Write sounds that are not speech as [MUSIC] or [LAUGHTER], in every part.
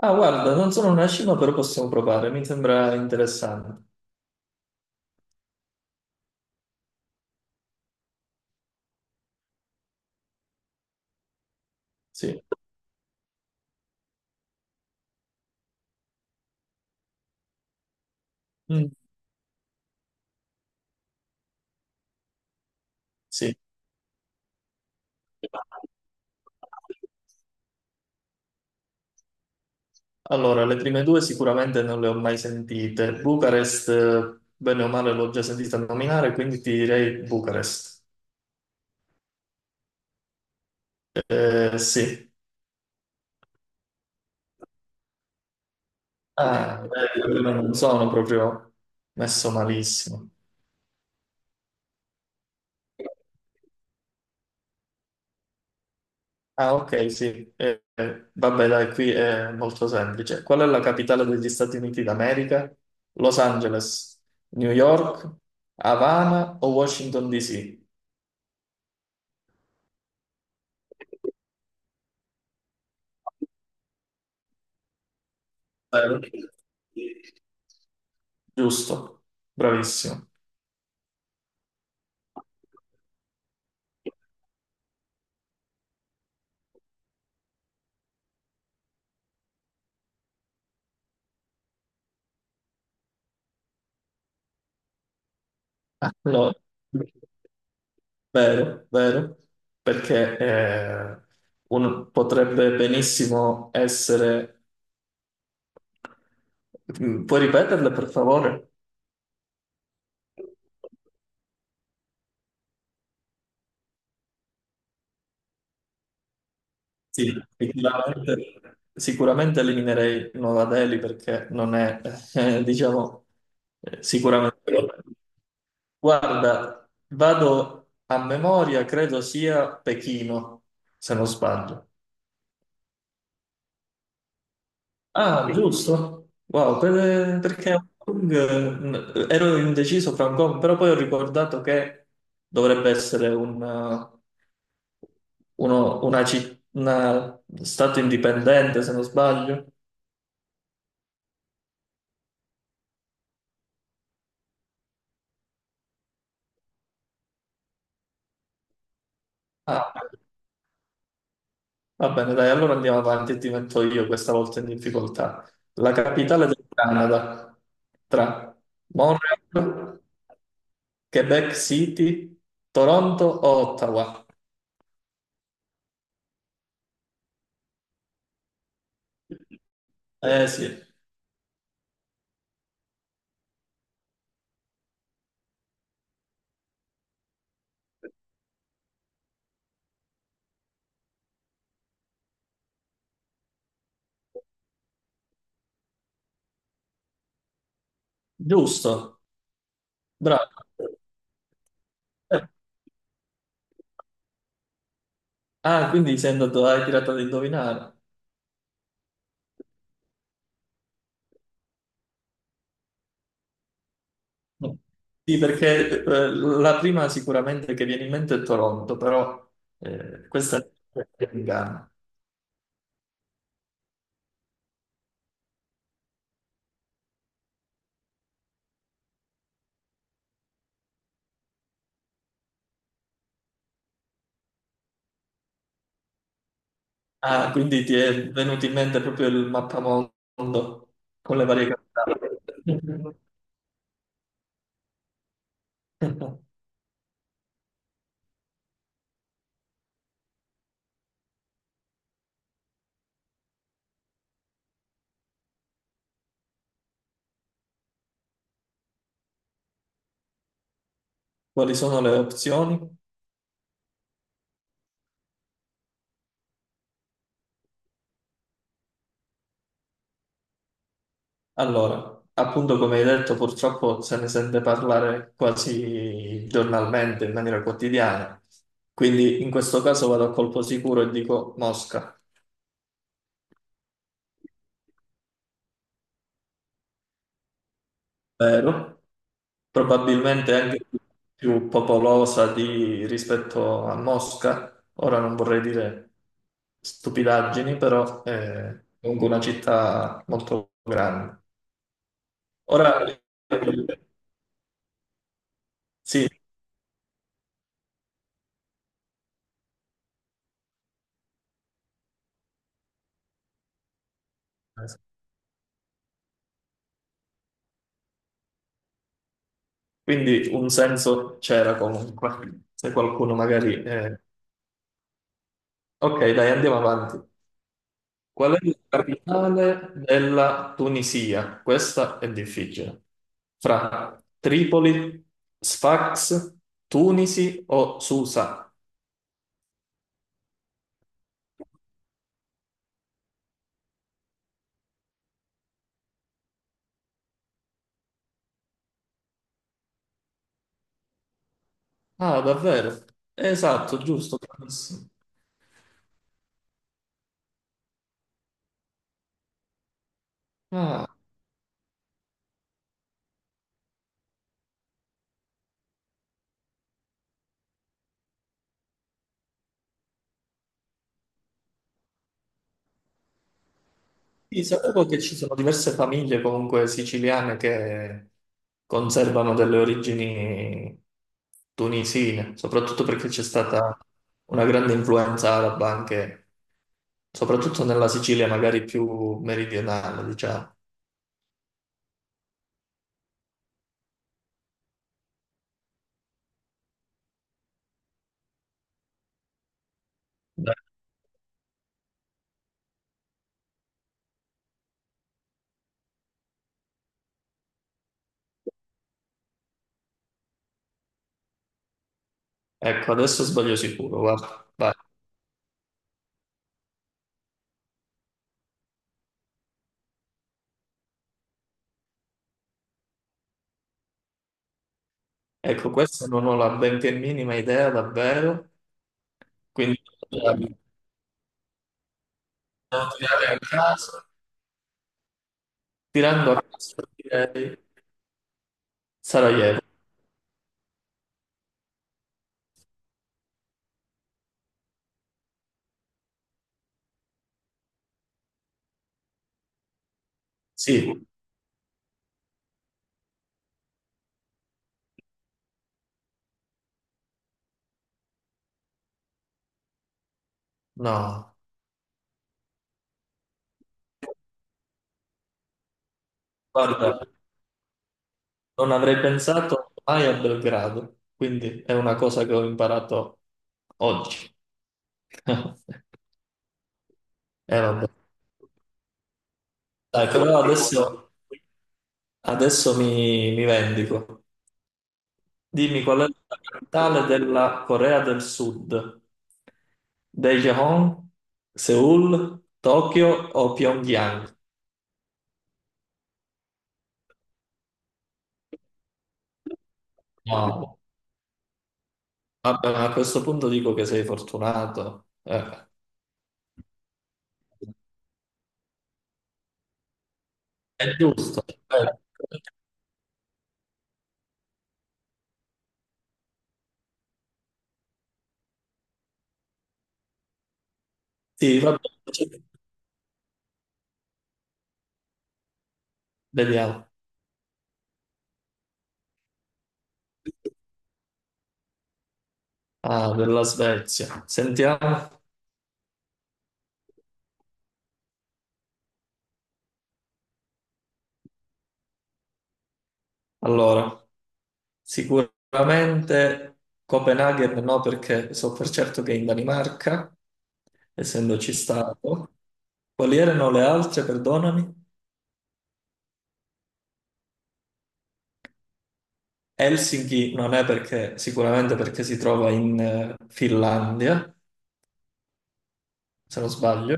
Ah, guarda, non sono una scimmia, però possiamo provare, mi sembra interessante. Sì. Mm, sì. Allora, le prime due sicuramente non le ho mai sentite. Bucarest, bene o male, l'ho già sentita nominare, quindi ti direi Bucarest. Sì. Ah, beh, non sono proprio messo malissimo. Ah, ok, sì. Vabbè, dai, qui è molto semplice. Qual è la capitale degli Stati Uniti d'America? Los Angeles, New York, Havana o Washington DC? Vero? Giusto, bravissimo. Allora, vero, vero, perché potrebbe benissimo essere... Mm, puoi ripeterle, per favore? Sì, sicuramente, sicuramente eliminerei Nuova Delhi perché non è, [LAUGHS] diciamo, sicuramente. Guarda, vado a memoria, credo sia Pechino, se non sbaglio. Ah, giusto. Wow, perché Hong Kong, ero indeciso fra Hong Kong, però poi ho ricordato che dovrebbe essere un, una stato indipendente, se non sbaglio. Ah, va bene, dai, allora andiamo avanti e ti metto io questa volta in difficoltà. La capitale del Canada tra Montreal, Quebec City, Toronto o Ottawa? Eh sì, giusto, bravo. Eh, Ah, quindi sei andato, hai tirato ad indovinare. No. Sì, perché la prima sicuramente che viene in mente è Toronto, però questa è in Ghana. Ah, quindi ti è venuto in mente proprio il mappamondo con le varie capitali. [LAUGHS] Quali sono le opzioni? Allora, appunto come hai detto, purtroppo se ne sente parlare quasi giornalmente, in maniera quotidiana. Quindi in questo caso vado a colpo sicuro e dico Mosca. Vero? Probabilmente anche più rispetto a Mosca. Ora non vorrei dire stupidaggini, però è comunque una città molto grande. Ora sì, quindi un senso c'era comunque, se qualcuno magari... ok, dai, andiamo avanti. Qual è la capitale della Tunisia? Questa è difficile. Fra Tripoli, Sfax, Tunisi o Susa? Ah, davvero? Esatto, giusto, bravissimo. Ah, sì, sapevo che ci sono diverse famiglie comunque siciliane che conservano delle origini tunisine, soprattutto perché c'è stata una grande influenza araba anche soprattutto nella Sicilia magari più meridionale, diciamo. Beh, ecco, adesso sbaglio sicuro, guarda. Vai. Ecco, questa non ho la benché minima idea davvero, quindi devo tirare a caso, tirando a caso direi Sarajevo. Sì, no, guarda, non avrei pensato mai a Belgrado, quindi è una cosa che ho imparato oggi. [LAUGHS] E vabbè. Dai, però adesso, adesso mi vendico. Dimmi qual è la capitale della Corea del Sud? Daejeon, Seoul, Tokyo o Pyongyang? No, vabbè, ma a questo punto dico che sei fortunato. È giusto. Sì, vabbè, vediamo. Ah, della Svezia. Sentiamo. Allora, sicuramente Copenaghen no, perché so per certo che è in Danimarca, essendoci stato. Quali erano le altre, perdonami? Helsinki non è perché, sicuramente perché si trova in Finlandia, se non sbaglio.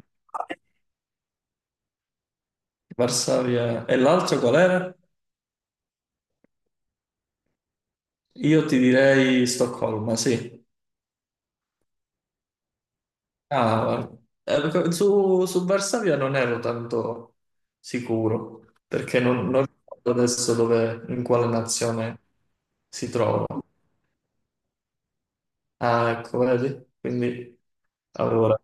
Varsavia. E l'altra qual era? Io ti direi Stoccolma, sì. Ah, perché su Varsavia non ero tanto sicuro, perché non ricordo adesso dove, in quale nazione si trova. Ah, ecco, vedi? Quindi avevo, ra-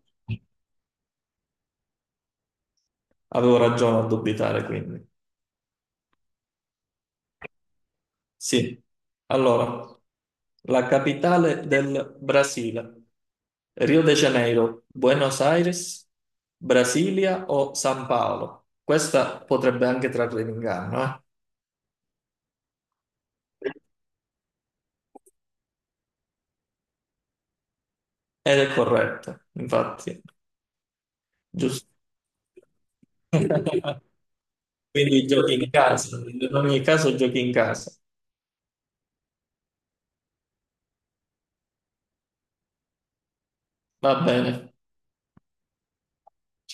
avevo ragione a dubitare, quindi. Sì, allora, la capitale del Brasile, Rio de Janeiro, Buenos Aires, Brasilia o San Paolo? Questa potrebbe anche trarre in inganno, eh? Ed è corretto, infatti, giusto. [LAUGHS] Quindi giochi in casa, in ogni caso giochi in casa. Va bene.